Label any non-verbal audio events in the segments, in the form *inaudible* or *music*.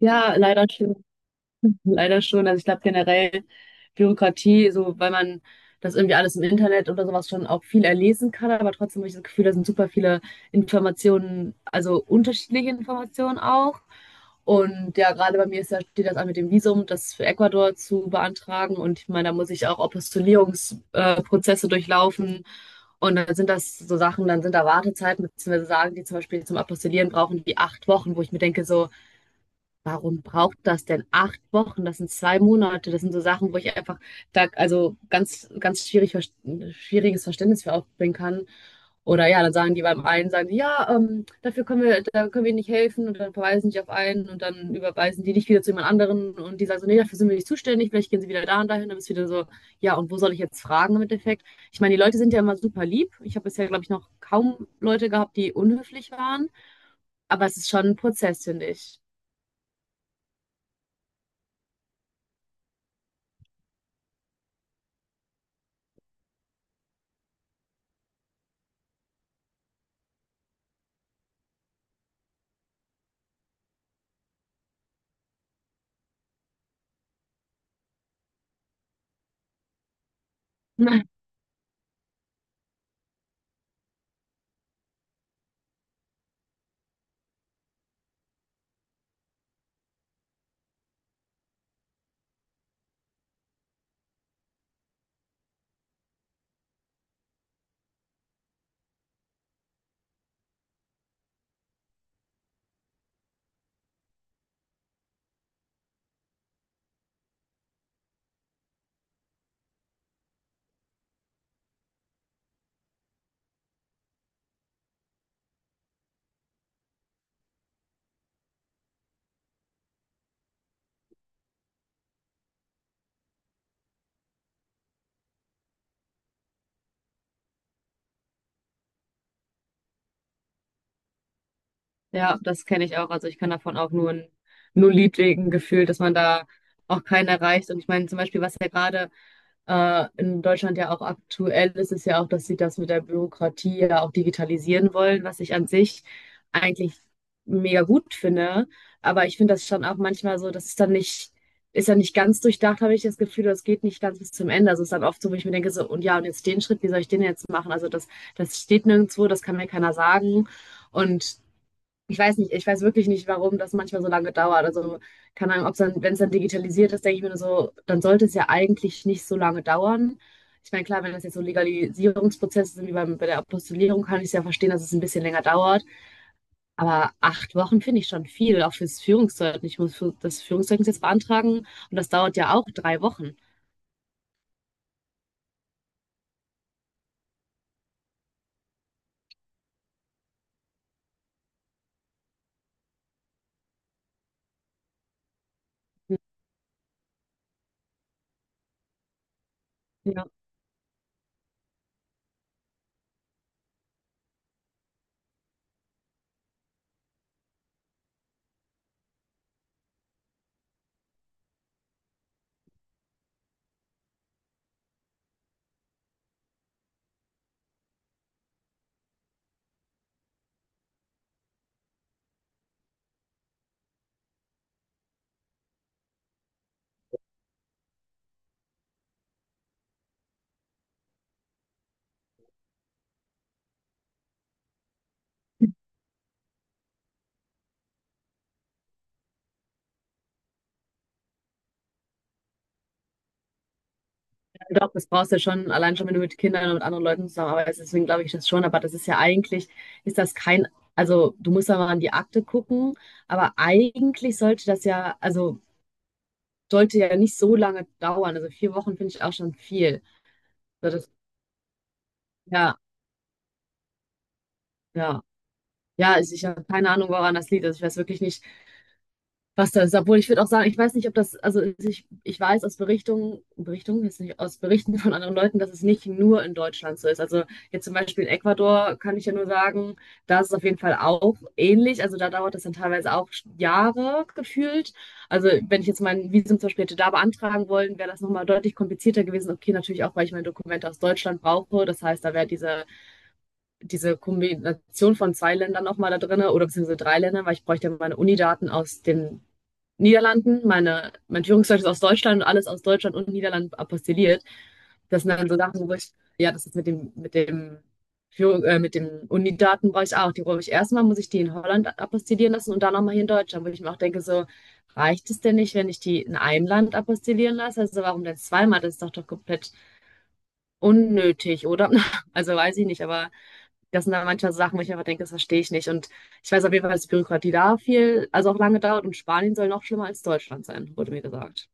Ja, leider schon. *laughs* Leider schon. Also ich glaube generell Bürokratie, so weil man das irgendwie alles im Internet oder sowas schon auch viel erlesen kann, aber trotzdem habe ich das Gefühl, da sind super viele Informationen, also unterschiedliche Informationen auch. Und ja, gerade bei mir ist ja, steht das an mit dem Visum, das für Ecuador zu beantragen. Und ich meine, da muss ich auch Apostillierungsprozesse Prozesse durchlaufen. Und dann sind das so Sachen, dann sind da Wartezeiten, beziehungsweise sagen die zum Beispiel zum Apostillieren brauchen die 8 Wochen, wo ich mir denke, so, warum braucht das denn 8 Wochen? Das sind 2 Monate. Das sind so Sachen, wo ich einfach da, also ganz, ganz schwierig, schwieriges Verständnis für aufbringen kann. Oder ja, dann sagen die beim einen, sagen die, ja, dafür können wir, da können wir nicht helfen und dann verweisen die auf einen und dann überweisen die dich wieder zu jemand anderen und die sagen so, nee, dafür sind wir nicht zuständig, vielleicht gehen sie wieder da und dahin, dann bist du wieder so, ja, und wo soll ich jetzt fragen im Endeffekt? Ich meine, die Leute sind ja immer super lieb. Ich habe bisher, glaube ich, noch kaum Leute gehabt, die unhöflich waren, aber es ist schon ein Prozess, finde ich. Ja, das kenne ich auch. Also ich kann davon auch nur ein Lied singen, gefühlt, dass man da auch keinen erreicht. Und ich meine, zum Beispiel, was ja gerade in Deutschland ja auch aktuell ist, ist ja auch, dass sie das mit der Bürokratie ja auch digitalisieren wollen, was ich an sich eigentlich mega gut finde. Aber ich finde das schon auch manchmal so, das ist dann nicht ganz durchdacht, habe ich das Gefühl, das geht nicht ganz bis zum Ende. Also es ist dann oft so, wo ich mir denke, so, und ja, und jetzt den Schritt, wie soll ich den jetzt machen? Also das, das steht nirgendwo, das kann mir keiner sagen. Und ich weiß wirklich nicht, warum das manchmal so lange dauert. Also, keine Ahnung, ob's dann, wenn es dann digitalisiert ist, denke ich mir nur so, dann sollte es ja eigentlich nicht so lange dauern. Ich meine, klar, wenn das jetzt so Legalisierungsprozesse sind wie bei der Apostillierung, kann ich es ja verstehen, dass es ein bisschen länger dauert. Aber 8 Wochen finde ich schon viel, auch fürs Führungszeugnis. Ich muss für das Führungszeugnis jetzt beantragen und das dauert ja auch 3 Wochen. Doch, das brauchst du schon, allein schon, wenn du mit Kindern und mit anderen Leuten zusammenarbeitest. Deswegen glaube ich das schon. Aber das ist ja eigentlich, ist das kein, also du musst ja mal an die Akte gucken. Aber eigentlich sollte das ja, also sollte ja nicht so lange dauern. Also 4 Wochen finde ich auch schon viel. So, das, ja, ja. Ja, also ich habe keine Ahnung, woran das liegt. Also ich weiß wirklich nicht, was da ist. Obwohl ich würde auch sagen, ich weiß nicht, ob das, ich weiß aus jetzt nicht aus Berichten von anderen Leuten, dass es nicht nur in Deutschland so ist. Also jetzt zum Beispiel in Ecuador kann ich ja nur sagen, da ist es auf jeden Fall auch ähnlich. Also da dauert das dann teilweise auch Jahre gefühlt. Also wenn ich jetzt mein Visum zum Beispiel hätte da beantragen wollen, wäre das nochmal deutlich komplizierter gewesen. Okay, natürlich auch, weil ich meine Dokumente aus Deutschland brauche. Das heißt, da wäre diese Kombination von 2 Ländern nochmal da drin oder beziehungsweise 3 Ländern, weil ich bräuchte ja meine Unidaten aus den Niederlanden, mein Führungszeug ist aus Deutschland und alles aus Deutschland und Niederlanden apostilliert. Das sind dann so Sachen, wo ich, ja, das ist mit dem mit den Unidaten brauche ich auch. Die brauche ich erstmal, muss ich die in Holland apostillieren lassen und dann nochmal hier in Deutschland, wo ich mir auch denke, so, reicht es denn nicht, wenn ich die in einem Land apostillieren lasse? Also warum denn zweimal? Das ist doch komplett unnötig, oder? *laughs* Also weiß ich nicht, aber das sind dann manchmal so Sachen, wo ich einfach denke, das verstehe ich nicht. Und ich weiß auf jeden Fall, dass die Bürokratie da viel, also auch lange dauert und Spanien soll noch schlimmer als Deutschland sein, wurde mir gesagt.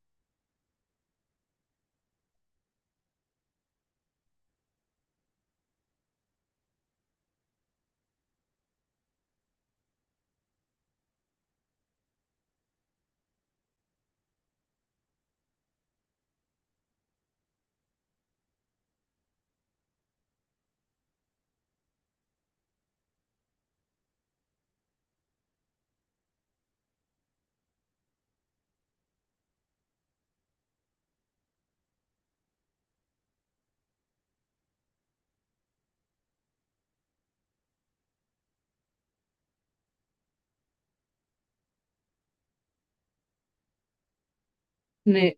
Nee.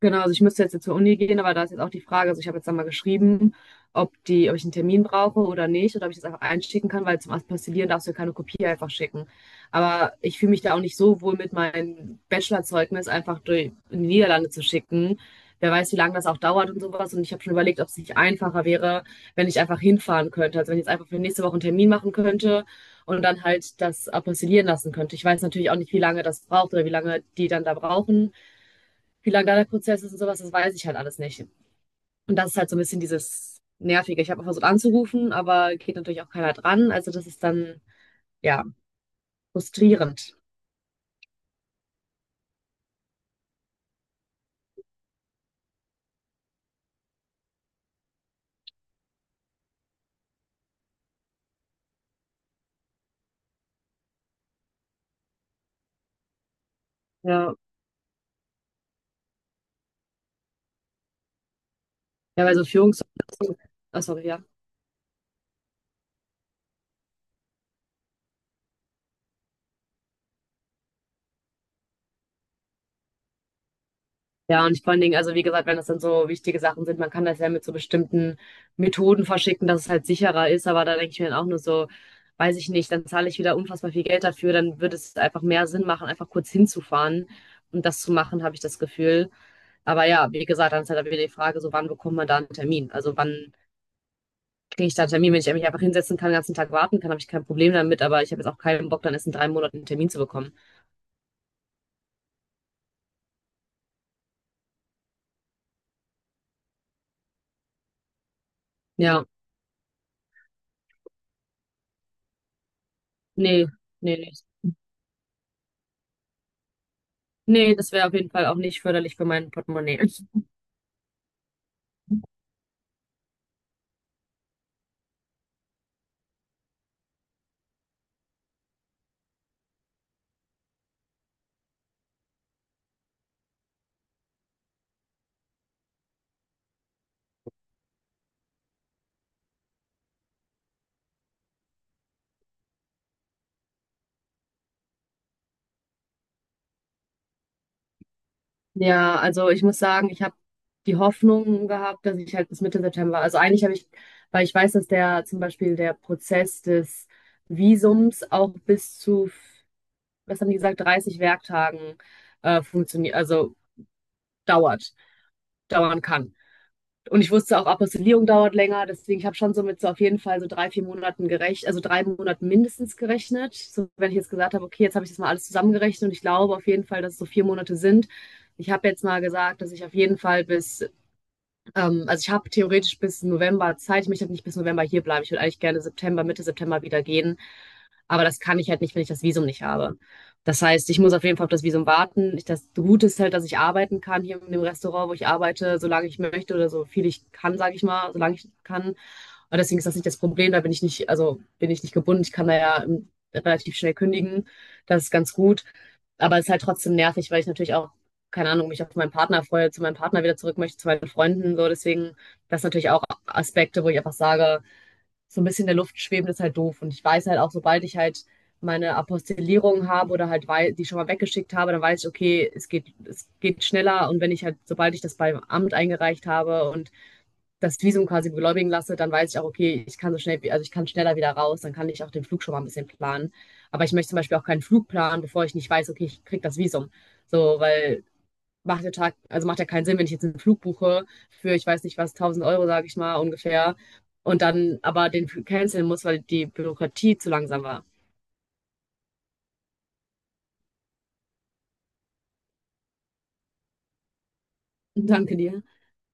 Genau, also ich müsste jetzt zur Uni gehen, aber da ist jetzt auch die Frage, also ich habe jetzt einmal geschrieben, ob die, ob ich einen Termin brauche oder nicht, oder ob ich das einfach einschicken kann, weil zum Aspergillieren darfst du ja keine Kopie einfach schicken. Aber ich fühle mich da auch nicht so wohl mit meinem Bachelorzeugnis einfach durch, in die Niederlande zu schicken. Wer weiß, wie lange das auch dauert und sowas. Und ich habe schon überlegt, ob es nicht einfacher wäre, wenn ich einfach hinfahren könnte. Also wenn ich jetzt einfach für nächste Woche einen Termin machen könnte und dann halt das apostillieren lassen könnte. Ich weiß natürlich auch nicht, wie lange das braucht oder wie lange die dann da brauchen, wie lang da der Prozess ist und sowas, das weiß ich halt alles nicht. Und das ist halt so ein bisschen dieses Nervige. Ich habe auch versucht anzurufen, aber geht natürlich auch keiner dran. Also das ist dann, ja, frustrierend. Ja, ja, weil so Führungs... Oh, sorry, ja. Ja, und vor allen Dingen, also wie gesagt, wenn das dann so wichtige Sachen sind, man kann das ja mit so bestimmten Methoden verschicken, dass es halt sicherer ist, aber da denke ich mir dann auch nur so, weiß ich nicht, dann zahle ich wieder unfassbar viel Geld dafür, dann würde es einfach mehr Sinn machen, einfach kurz hinzufahren und das zu machen, habe ich das Gefühl. Aber ja, wie gesagt, dann ist halt wieder die Frage, so wann bekommt man da einen Termin? Also wann kriege ich da einen Termin? Wenn ich mich einfach hinsetzen kann, den ganzen Tag warten kann, habe ich kein Problem damit, aber ich habe jetzt auch keinen Bock, dann erst in 3 Monaten einen Termin zu bekommen. Ja, nee, nee. Nee, das wäre auf jeden Fall auch nicht förderlich für mein Portemonnaie. *laughs* Ja, also ich muss sagen, ich habe die Hoffnung gehabt, dass ich halt bis Mitte September, also eigentlich habe ich, weil ich weiß, dass der zum Beispiel der Prozess des Visums auch bis zu, was haben die gesagt, 30 Werktagen funktioniert, also dauert, dauern kann. Und ich wusste auch, Apostillierung dauert länger, deswegen ich habe schon so mit so auf jeden Fall so drei, 4 Monaten gerechnet, also 3 Monaten mindestens gerechnet. So, wenn ich jetzt gesagt habe, okay, jetzt habe ich das mal alles zusammengerechnet und ich glaube auf jeden Fall, dass es so 4 Monate sind. Ich habe jetzt mal gesagt, dass ich auf jeden Fall bis, also ich habe theoretisch bis November Zeit. Ich möchte nicht bis November hier bleiben. Ich würde eigentlich gerne September, Mitte September wieder gehen, aber das kann ich halt nicht, wenn ich das Visum nicht habe. Das heißt, ich muss auf jeden Fall auf das Visum warten. Ich, das Gute ist halt, dass ich arbeiten kann hier in dem Restaurant, wo ich arbeite, solange ich möchte oder so viel ich kann, sage ich mal, solange ich kann. Und deswegen ist das nicht das Problem. Da bin ich nicht, also bin ich nicht gebunden. Ich kann da ja relativ schnell kündigen. Das ist ganz gut. Aber es ist halt trotzdem nervig, weil ich natürlich auch, keine Ahnung, mich auf meinen Partner freue, zu meinem Partner wieder zurück möchte, zu meinen Freunden. So, deswegen, das sind natürlich auch Aspekte, wo ich einfach sage, so ein bisschen in der Luft schweben, ist halt doof. Und ich weiß halt auch, sobald ich halt meine Apostillierung habe oder halt die schon mal weggeschickt habe, dann weiß ich, okay, es geht schneller. Und wenn ich halt, sobald ich das beim Amt eingereicht habe und das Visum quasi beglaubigen lasse, dann weiß ich auch, okay, ich kann so schnell, also ich kann schneller wieder raus, dann kann ich auch den Flug schon mal ein bisschen planen. Aber ich möchte zum Beispiel auch keinen Flug planen, bevor ich nicht weiß, okay, ich krieg das Visum. So, weil also macht ja keinen Sinn, wenn ich jetzt einen Flug buche für, ich weiß nicht was, 1000 Euro, sage ich mal, ungefähr, und dann aber den canceln muss, weil die Bürokratie zu langsam war. Danke dir.